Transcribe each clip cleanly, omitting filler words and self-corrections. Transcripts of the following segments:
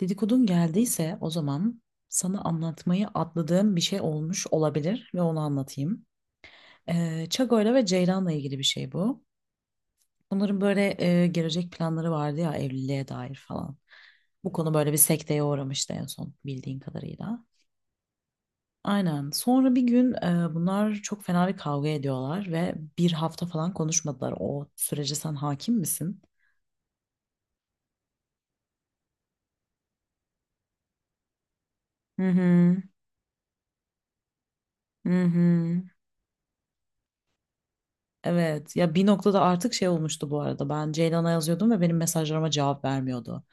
Dedikodun geldiyse o zaman sana anlatmayı atladığım bir şey olmuş olabilir ve onu anlatayım. Çago'yla ve Ceylan'la ilgili bir şey bu. Bunların böyle gelecek planları vardı ya evliliğe dair falan. Bu konu böyle bir sekteye uğramıştı en son bildiğin kadarıyla. Aynen. Sonra bir gün bunlar çok fena bir kavga ediyorlar ve bir hafta falan konuşmadılar. O sürece sen hakim misin? Hı hı. Hı hı. Evet ya bir noktada artık şey olmuştu, bu arada ben Ceylan'a yazıyordum ve benim mesajlarıma cevap vermiyordu.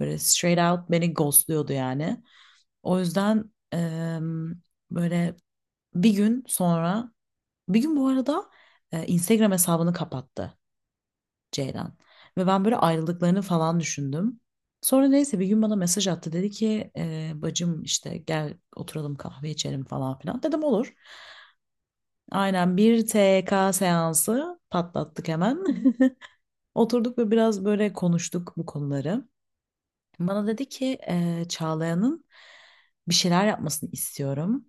Böyle straight out beni ghostluyordu yani. O yüzden böyle bir gün sonra bir gün bu arada Instagram hesabını kapattı Ceylan. Ve ben böyle ayrıldıklarını falan düşündüm. Sonra neyse bir gün bana mesaj attı, dedi ki bacım işte gel oturalım kahve içelim falan filan. Dedim olur. Aynen bir TK seansı patlattık hemen. Oturduk ve biraz böyle konuştuk bu konuları. Bana dedi ki Çağlayan'ın bir şeyler yapmasını istiyorum.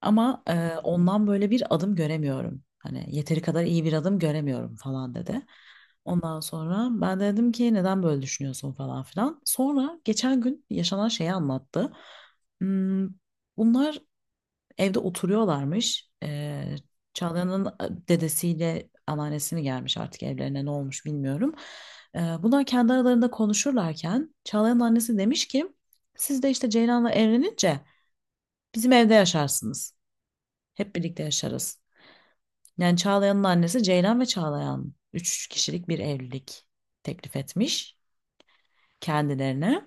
Ama ondan böyle bir adım göremiyorum. Hani yeteri kadar iyi bir adım göremiyorum falan dedi. Ondan sonra ben de dedim ki neden böyle düşünüyorsun falan filan. Sonra geçen gün yaşanan şeyi anlattı. Hmm, bunlar Evde oturuyorlarmış. Çağla'nın dedesiyle anneannesi mi gelmiş artık evlerine, ne olmuş bilmiyorum. Bunlar kendi aralarında konuşurlarken Çağlayanın annesi demiş ki siz de işte Ceylan'la evlenince bizim evde yaşarsınız. Hep birlikte yaşarız. Yani Çağlayan'ın annesi Ceylan ve Çağlayan üç kişilik bir evlilik teklif etmiş kendilerine.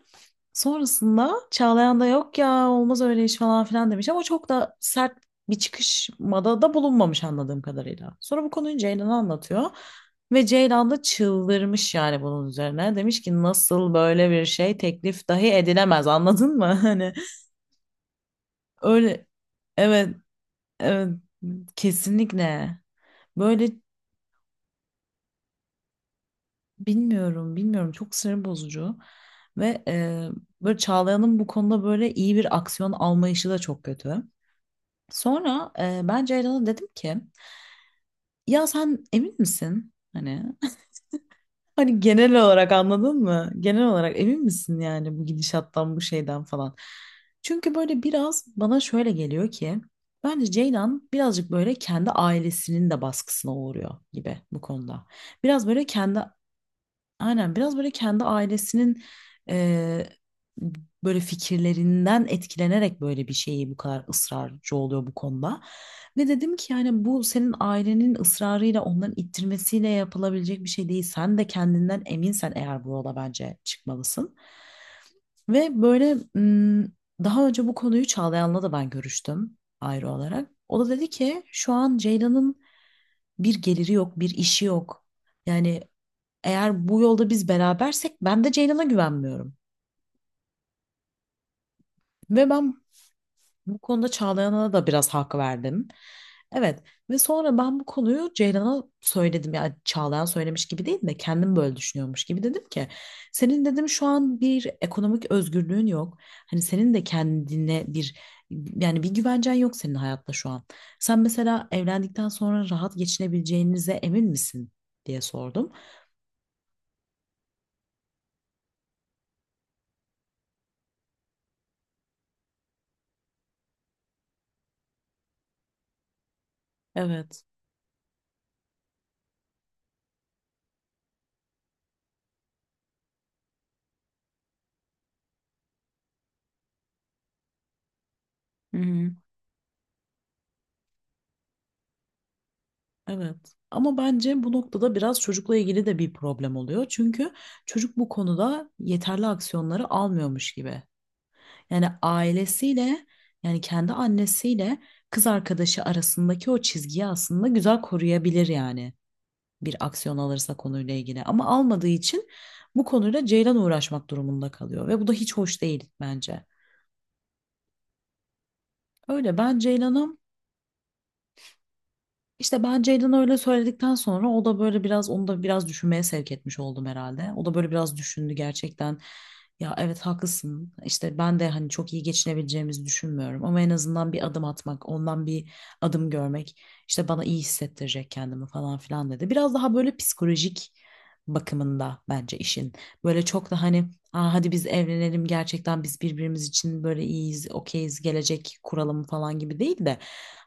Sonrasında Çağlayan da yok ya olmaz öyle iş falan filan demiş ama çok da sert bir çıkışmada da bulunmamış anladığım kadarıyla. Sonra bu konuyu Ceylan'a anlatıyor ve Ceylan da çıldırmış yani bunun üzerine. Demiş ki nasıl böyle bir şey teklif dahi edilemez, anladın mı? Hani öyle, evet, evet, kesinlikle böyle bilmiyorum, bilmiyorum, çok sinir bozucu ve böyle Çağlayan'ın bu konuda böyle iyi bir aksiyon almayışı da çok kötü. Sonra ben Ceylan'a dedim ki ya sen emin misin? Hani hani genel olarak anladın mı? Genel olarak emin misin yani bu gidişattan bu şeyden falan. Çünkü böyle biraz bana şöyle geliyor ki bence Ceylan birazcık böyle kendi ailesinin de baskısına uğruyor gibi bu konuda. Biraz böyle kendi Aynen biraz böyle kendi ailesinin eee, böyle fikirlerinden etkilenerek böyle bir şeyi bu kadar ısrarcı oluyor bu konuda. Ve dedim ki yani bu senin ailenin ısrarıyla, onların ittirmesiyle yapılabilecek bir şey değil. Sen de kendinden eminsen eğer bu yola bence çıkmalısın. Ve böyle daha önce bu konuyu Çağlayan'la da ben görüştüm ayrı olarak. O da dedi ki şu an Ceylan'ın bir geliri yok, bir işi yok. Yani eğer bu yolda biz berabersek, ben de Ceylan'a güvenmiyorum. Ve ben bu konuda Çağlayan'a da biraz hak verdim. Evet, ve sonra ben bu konuyu Ceylan'a söyledim. Yani Çağlayan söylemiş gibi değil de kendim böyle düşünüyormuş gibi dedim ki senin dedim şu an bir ekonomik özgürlüğün yok. Hani senin de kendine bir, yani bir güvencen yok senin hayatta şu an. Sen mesela evlendikten sonra rahat geçinebileceğinize emin misin diye sordum. Evet. Hı hı. Evet. Ama bence bu noktada biraz çocukla ilgili de bir problem oluyor. Çünkü çocuk bu konuda yeterli aksiyonları almıyormuş gibi. Yani ailesiyle, yani kendi annesiyle kız arkadaşı arasındaki o çizgiyi aslında güzel koruyabilir yani, bir aksiyon alırsa konuyla ilgili. Ama almadığı için bu konuyla Ceylan uğraşmak durumunda kalıyor ve bu da hiç hoş değil bence. Öyle ben Ceylan'a İşte ben Ceylan'a öyle söyledikten sonra o da böyle biraz, onu da biraz düşünmeye sevk etmiş oldum herhalde. O da böyle biraz düşündü gerçekten. Ya evet haklısın. İşte ben de hani çok iyi geçinebileceğimizi düşünmüyorum ama en azından bir adım atmak, ondan bir adım görmek işte bana iyi hissettirecek kendimi falan filan dedi. Biraz daha böyle psikolojik bakımında bence işin. Böyle çok da hani, aa, hadi biz evlenelim gerçekten, biz birbirimiz için böyle iyiyiz, okeyiz, gelecek kuralım falan gibi değil de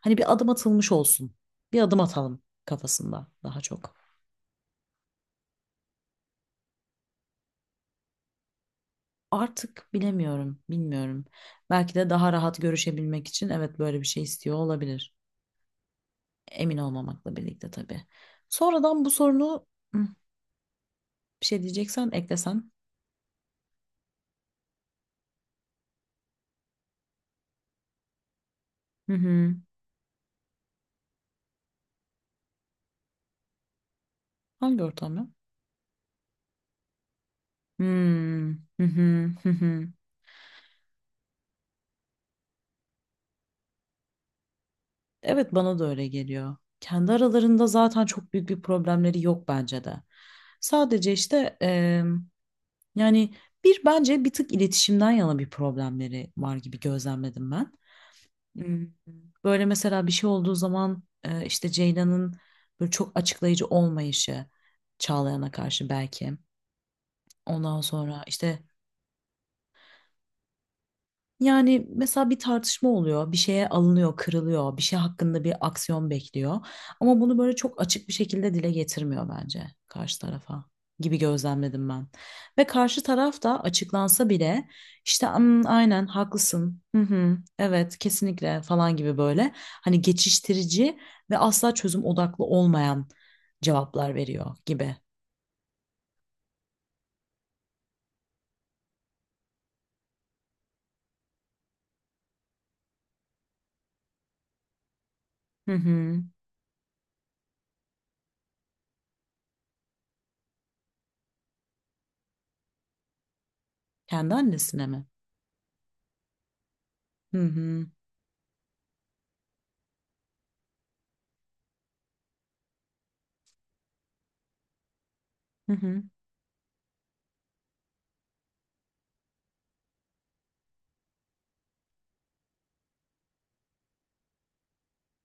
hani bir adım atılmış olsun, bir adım atalım kafasında daha çok. Artık bilemiyorum, bilmiyorum. Belki de daha rahat görüşebilmek için evet böyle bir şey istiyor olabilir. Emin olmamakla birlikte tabii. Sonradan bu sorunu Hı, bir şey diyeceksen eklesen. Hı hı. Hangi ortam ya? Hmm. Hı hı. Hı hı. Evet, bana da öyle geliyor. Kendi aralarında zaten çok büyük bir problemleri yok bence de. Sadece işte, yani bir, bence bir tık iletişimden yana bir problemleri var gibi gözlemledim ben. Hmm, Böyle mesela bir şey olduğu zaman işte Ceylan'ın böyle çok açıklayıcı olmayışı Çağlayan'a karşı belki. Ondan sonra işte, yani mesela bir tartışma oluyor, bir şeye alınıyor, kırılıyor, bir şey hakkında bir aksiyon bekliyor. Ama bunu böyle çok açık bir şekilde dile getirmiyor bence karşı tarafa gibi gözlemledim ben. Ve karşı taraf da açıklansa bile işte "Hmm, aynen haklısın, hı hı, evet kesinlikle" falan gibi, böyle hani geçiştirici ve asla çözüm odaklı olmayan cevaplar veriyor gibi. Hı hı. Kendi annesine mi? Hı hı. Hı hı.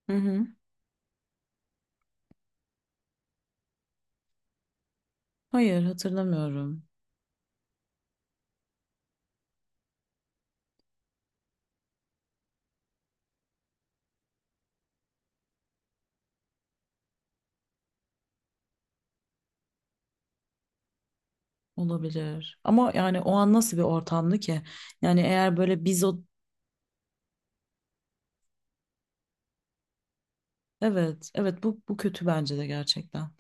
Hı hı. Hayır, hatırlamıyorum. Olabilir. Ama yani o an nasıl bir ortamdı ki? Yani eğer böyle biz o evet, evet, bu kötü bence de gerçekten.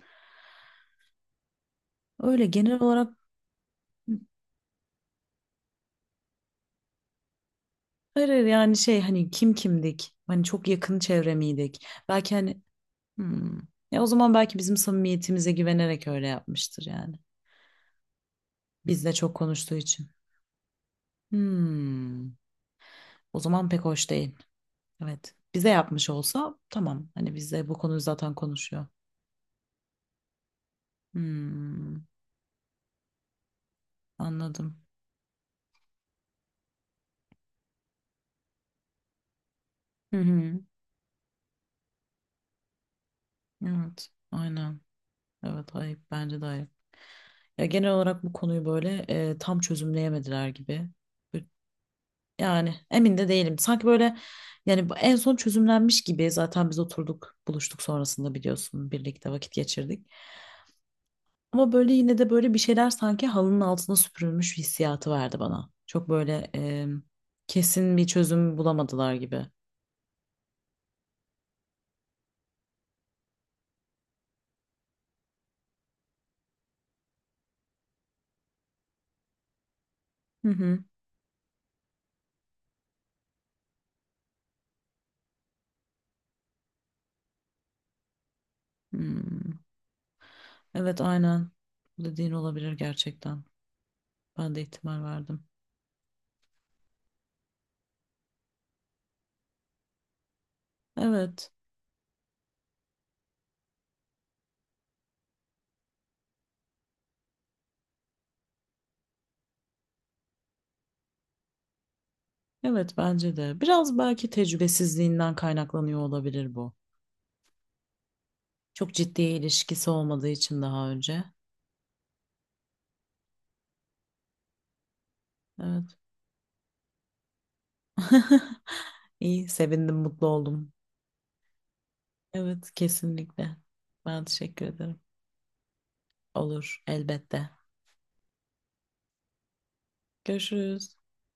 Öyle genel olarak, hayır, hayır, yani şey hani kim kimdik? Hani çok yakın çevre miydik? Belki hani, hmm. Ya o zaman belki bizim samimiyetimize güvenerek öyle yapmıştır yani. Bizle çok konuştuğu için. Hmm. O zaman pek hoş değil. Evet. Bize yapmış olsa tamam. Hani bizle bu konuyu zaten konuşuyor. Hmm. Anladım. Hı hı. Evet, aynen. Evet, ayıp. Bence de ayıp. Ya genel olarak bu konuyu böyle tam çözümleyemediler gibi. Yani emin de değilim. Sanki böyle, yani bu en son çözümlenmiş gibi zaten, biz oturduk, buluştuk, sonrasında biliyorsun birlikte vakit geçirdik. Ama böyle yine de böyle bir şeyler sanki halının altına süpürülmüş hissiyatı verdi bana. Çok böyle kesin bir çözüm bulamadılar gibi. Hı hı. Hmm. Evet, aynen. Bu dediğin olabilir gerçekten. Ben de ihtimal verdim. Evet. Evet, bence de. Biraz belki tecrübesizliğinden kaynaklanıyor olabilir bu. Çok ciddi ilişkisi olmadığı için daha önce. Evet. İyi, sevindim, mutlu oldum. Evet, kesinlikle. Ben teşekkür ederim. Olur, elbette. Görüşürüz.